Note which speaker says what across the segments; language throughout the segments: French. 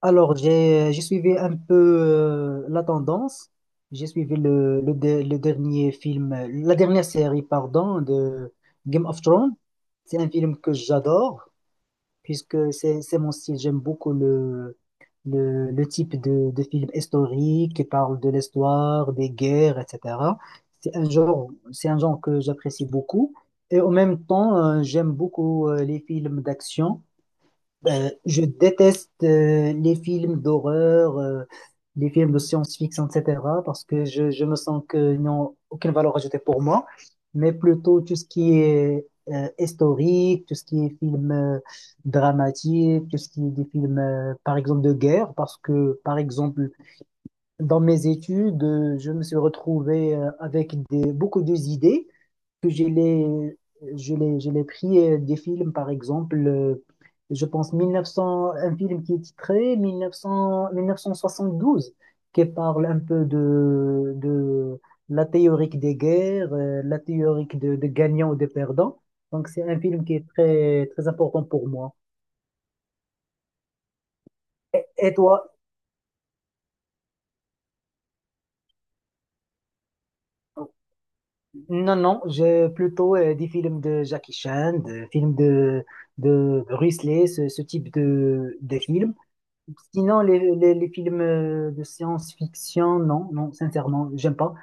Speaker 1: Alors, j'ai suivi un peu la tendance. J'ai suivi le dernier film, la dernière série, pardon, de Game of Thrones. C'est un film que j'adore, puisque c'est mon style. J'aime beaucoup le type de film historique qui parle de l'histoire, des guerres, etc. C'est un genre que j'apprécie beaucoup. Et en même temps, j'aime beaucoup les films d'action. Ben, je déteste les films d'horreur, les films de science-fiction, etc. parce que je me sens qu'ils n'ont aucune valeur ajoutée pour moi, mais plutôt tout ce qui est historique, tout ce qui est film dramatique, tout ce qui est des films, par exemple, de guerre, parce que, par exemple, dans mes études, je me suis retrouvé avec beaucoup d'idées que je l'ai pris des films, par exemple, je pense, 1900, un film qui est titré 1972, qui parle un peu de la théorie des guerres, la théorie de gagnants ou de perdants. Donc c'est un film qui est très très important pour moi. Et toi? Non, non, j'ai plutôt des films de Jackie Chan, des films de Bruce Lee, ce type de films. Sinon, les films de science-fiction, non, non, sincèrement, j'aime pas.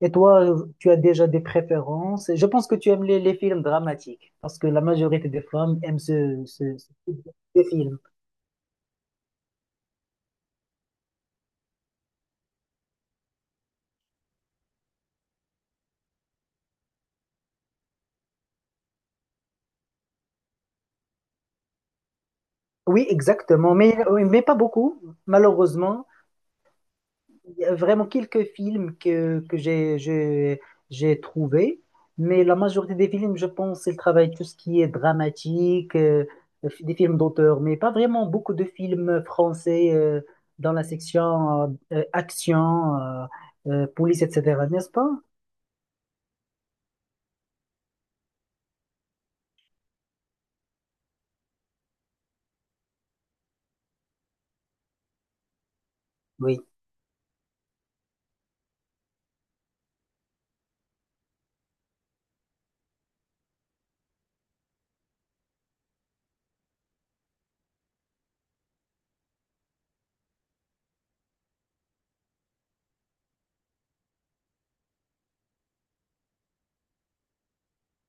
Speaker 1: Et toi, tu as déjà des préférences? Je pense que tu aimes les films dramatiques, parce que la majorité des femmes aiment ce type de film. Oui, exactement, mais, oui, mais pas beaucoup, malheureusement. Il y a vraiment quelques films que j'ai trouvés, mais la majorité des films, je pense, ils travaillent tout ce qui est dramatique, des films d'auteur, mais pas vraiment beaucoup de films français dans la section action, police, etc., n'est-ce pas? Oui.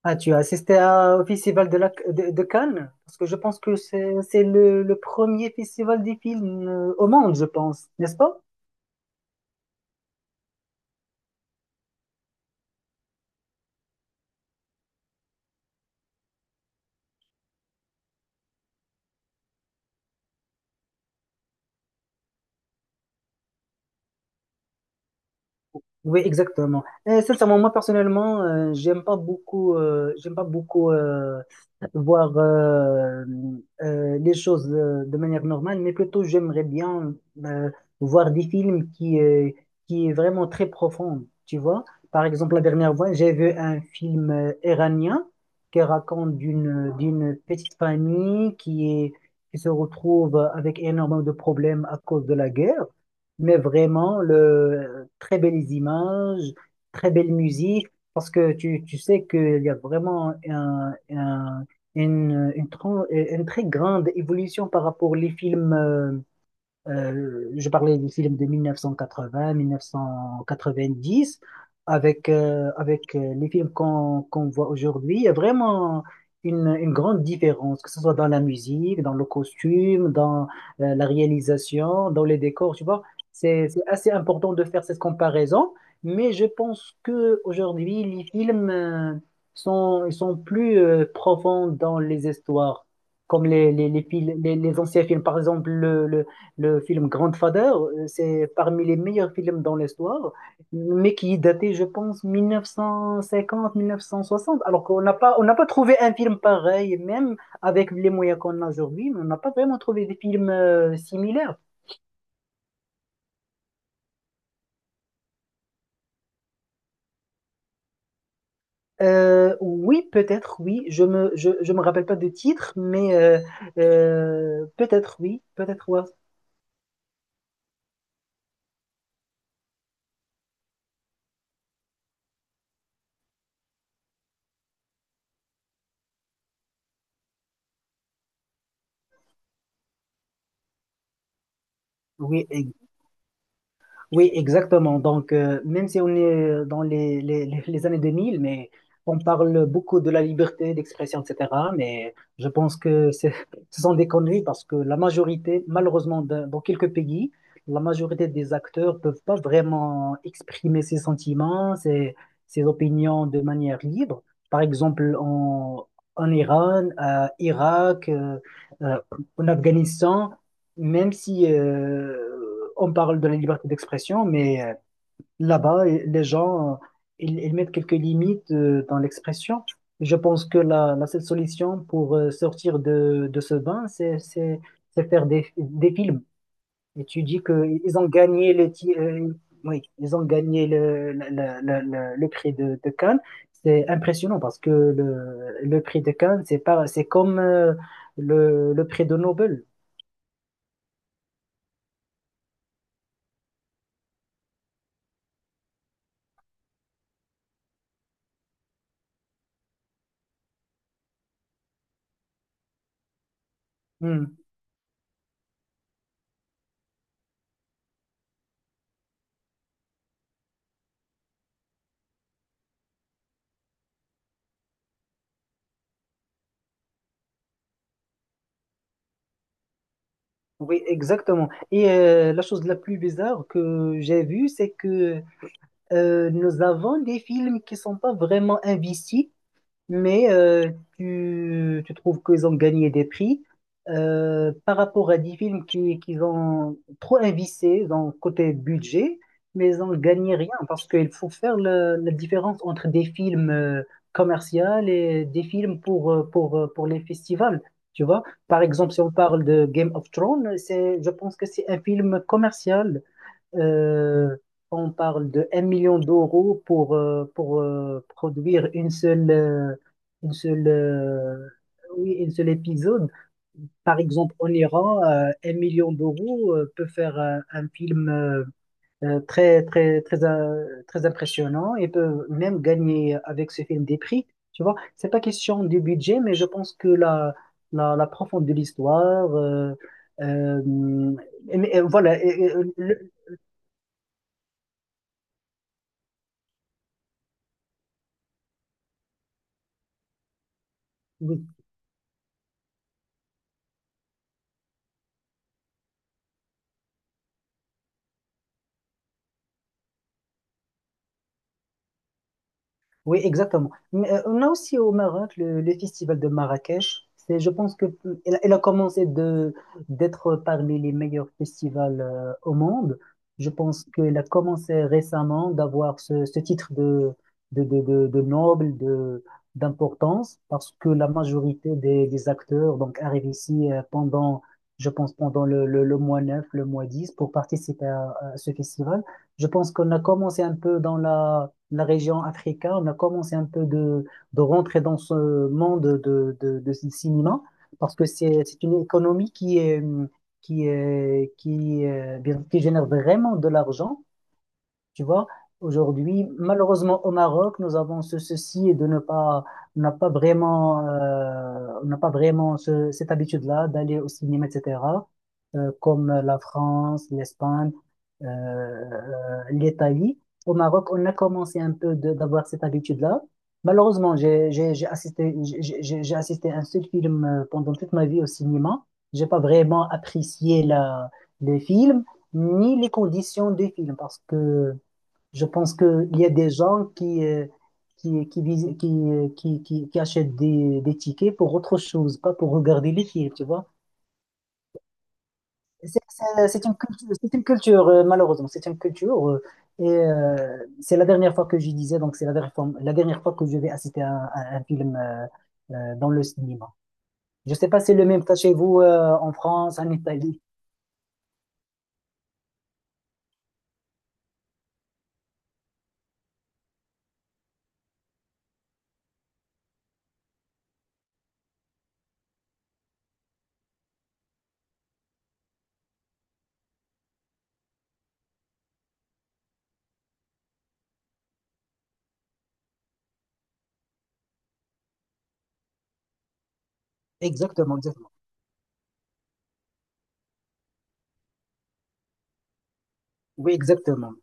Speaker 1: Ah, tu as assisté au festival de Cannes? Parce que je pense que c'est le premier festival des films au monde, je pense, n'est-ce pas? Oui, exactement. Et sincèrement, moi personnellement, j'aime pas beaucoup, voir les choses de manière normale, mais plutôt j'aimerais bien euh, voir des films qui est vraiment très profond, tu vois. Par exemple, la dernière fois, j'ai vu un film iranien qui raconte d'une petite famille qui se retrouve avec énormément de problèmes à cause de la guerre, mais vraiment le très belles images, très belle musique. Parce que tu sais qu'il y a vraiment un, une, tran- une très grande évolution par rapport aux films, je parlais des films de 1980, 1990, avec les films qu'on voit aujourd'hui. Il y a vraiment une grande différence, que ce soit dans la musique, dans le costume, dans la réalisation, dans les décors, tu vois. C'est assez important de faire cette comparaison, mais je pense que aujourd'hui les films ils sont plus profonds dans les histoires, comme les anciens films. Par exemple, le film Grandfather, c'est parmi les meilleurs films dans l'histoire, mais qui est daté, je pense, 1950-1960. Alors qu'on n'a pas, on n'a pas trouvé un film pareil, même avec les moyens qu'on a aujourd'hui, mais on n'a pas vraiment trouvé des films similaires. Oui, peut-être, oui. Je me rappelle pas de titre, mais peut-être, oui, peut-être, ouais. Oui. Oui, exactement. Donc, même si on est dans les années 2000, mais on parle beaucoup de la liberté d'expression, etc. Mais je pense ce sont des conneries parce que la majorité, malheureusement, dans quelques pays, la majorité des acteurs peuvent pas vraiment exprimer ses sentiments, ses opinions de manière libre. Par exemple, en Iran, à Irak, euh, en Afghanistan, même si on parle de la liberté d'expression, mais là-bas, les gens, ils mettent quelques limites dans l'expression. Je pense que la seule solution pour sortir de ce bain, c'est faire des films. Et tu dis qu'ils ont gagné oui, ils ont gagné le prix de Cannes. C'est impressionnant parce que le prix de Cannes, c'est pas, c'est comme le prix de Nobel. Hmm. Oui, exactement. Et la chose la plus bizarre que j'ai vue, c'est que nous avons des films qui sont pas vraiment investis, mais tu trouves qu'ils ont gagné des prix par rapport à des films qu'ils ont trop investi dans le côté budget, mais ils ont gagné rien parce qu'il faut faire la différence entre des films commerciaux et des films pour les festivals. Tu vois, par exemple, si on parle de Game of Thrones, je pense que c'est un film commercial. Euh, on parle de 1 million d'euros pour produire une seule, euh, oui, une seule épisode. Par exemple, en Iran, 1 million d'euros peut faire un film très, très, très, très impressionnant et peut même gagner avec ce film des prix. Tu vois, c'est pas question du budget, mais je pense que la profondeur de l'histoire, euh, et voilà, le- Oui, exactement. Mais on a aussi au Maroc le festival de Marrakech. Je pense que elle a commencé de d'être parmi les meilleurs festivals au monde. Je pense qu'elle a commencé récemment d'avoir ce titre de noble, d'importance, parce que la majorité des acteurs, donc, arrivent ici pendant, je pense, pendant le mois 9, le mois dix, pour participer à ce festival. Je pense qu'on a commencé un peu dans la région africaine. On a commencé un peu de rentrer dans ce monde de ce cinéma, parce que c'est une économie qui est, qui est, qui, bien- qui génère vraiment de l'argent, tu vois. Aujourd'hui, malheureusement au Maroc, nous avons ce souci de ne pas, on n'a pas vraiment, cette habitude-là d'aller au cinéma, etc. Comme la France, l'Espagne, l'Italie. Au Maroc, on a commencé un peu d'avoir cette habitude-là. Malheureusement, j'ai assisté à un seul film pendant toute ma vie au cinéma. J'ai pas vraiment apprécié les films ni les conditions des films, parce que je pense qu'il y a des gens qui achètent des tickets pour autre chose, pas pour regarder les films, tu vois. C'est une culture, malheureusement, c'est une culture. Et c'est la dernière fois que je disais, donc c'est la dernière fois, que je vais assister à un film dans le cinéma. Je ne sais pas si c'est le même cas chez vous, en France, en Italie. Exactement, exactement. Oui, exactement.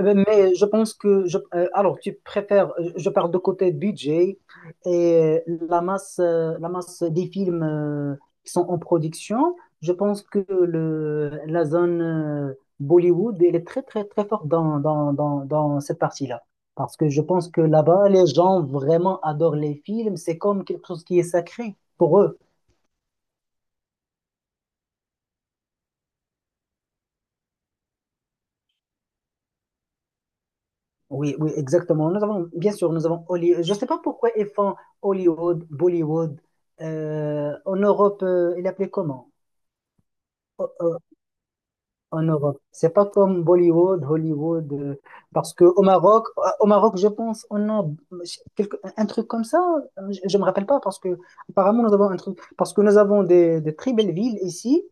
Speaker 1: Mais je pense que alors tu préfères, je parle de côté budget et la masse des films qui sont en production. Je pense que la zone Bollywood, elle est très très très forte dans cette partie-là. Parce que je pense que là-bas, les gens vraiment adorent les films. C'est comme quelque chose qui est sacré pour eux. Oui, oui, exactement. Nous avons, bien sûr, nous avons Hollywood. Je ne sais pas pourquoi ils font Hollywood, Bollywood. En Europe, il appelait comment? O- o- En Europe. C'est pas comme Bollywood, Hollywood. Parce que au Maroc, je pense, on a un truc comme ça. Je me rappelle pas parce que apparemment nous avons un truc. Parce que nous avons des très belles villes ici,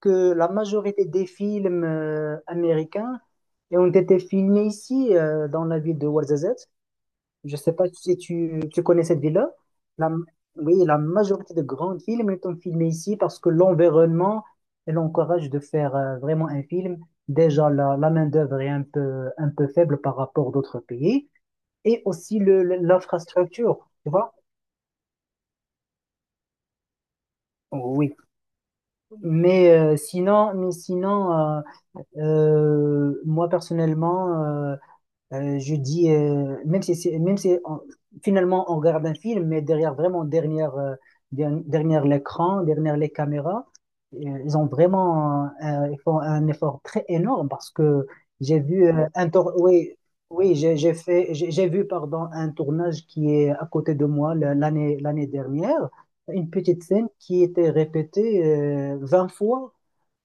Speaker 1: que la majorité des films américains ont été filmés ici, dans la ville de Ouarzazate. Je sais pas si tu connais cette ville-là. La- oui, la majorité de grandes films sont filmés ici parce que l'environnement elle encourage de faire vraiment un film. Déjà, la main-d'œuvre est un peu faible par rapport à d'autres pays, et aussi l'infrastructure, tu vois? Oui, mais sinon moi personnellement, je dis, même si, c'est- même si on- finalement on regarde un film, mais derrière vraiment, derrière, derrière l'écran, derrière les caméras, ils ont vraiment, ils font un effort très énorme, parce que j'ai vu oui, oui, j'ai fait, j'ai vu, pardon, un tournage qui est à côté de moi l'année dernière, une petite scène qui était répétée 20 fois.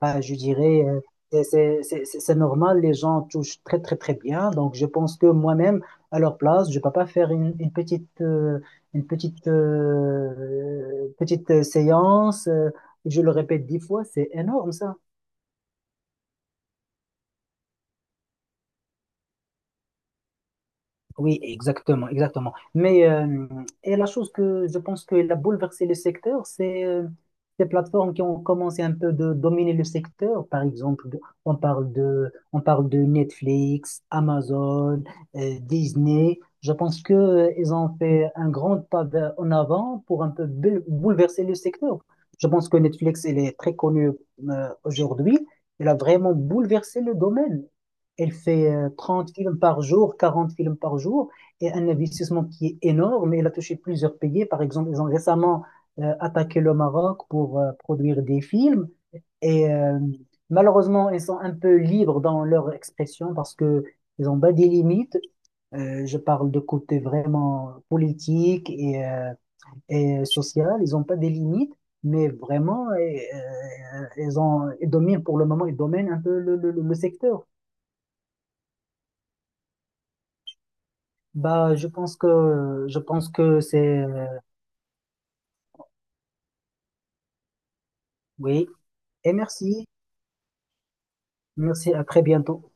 Speaker 1: Enfin, je dirais c'est normal, les gens touchent très très très bien. Donc je pense que moi-même, à leur place, je ne peux pas faire petite séance. Je le répète 10 fois, c'est énorme ça. Oui, exactement, exactement. Et la chose que je pense qu'elle a bouleversé le secteur, c'est ces plateformes qui ont commencé un peu de dominer le secteur. Par exemple, on parle de Netflix, Amazon, Disney. Je pense que ils ont fait un grand pas en avant pour un peu bouleverser le secteur. Je pense que Netflix, il est très connu aujourd'hui. Il a vraiment bouleversé le domaine. Elle fait 30 films par jour, 40 films par jour, et un investissement qui est énorme. Elle a touché plusieurs pays. Par exemple, ils ont récemment attaqué le Maroc pour produire des films. Et malheureusement, ils sont un peu libres dans leur expression parce que ils ont pas des limites. Je parle de côté vraiment politique et social. Ils ont pas des limites, mais vraiment, ils dominent pour le moment, ils dominent un peu le secteur. Bah, je pense que c'est oui. Et merci. Merci, à très bientôt.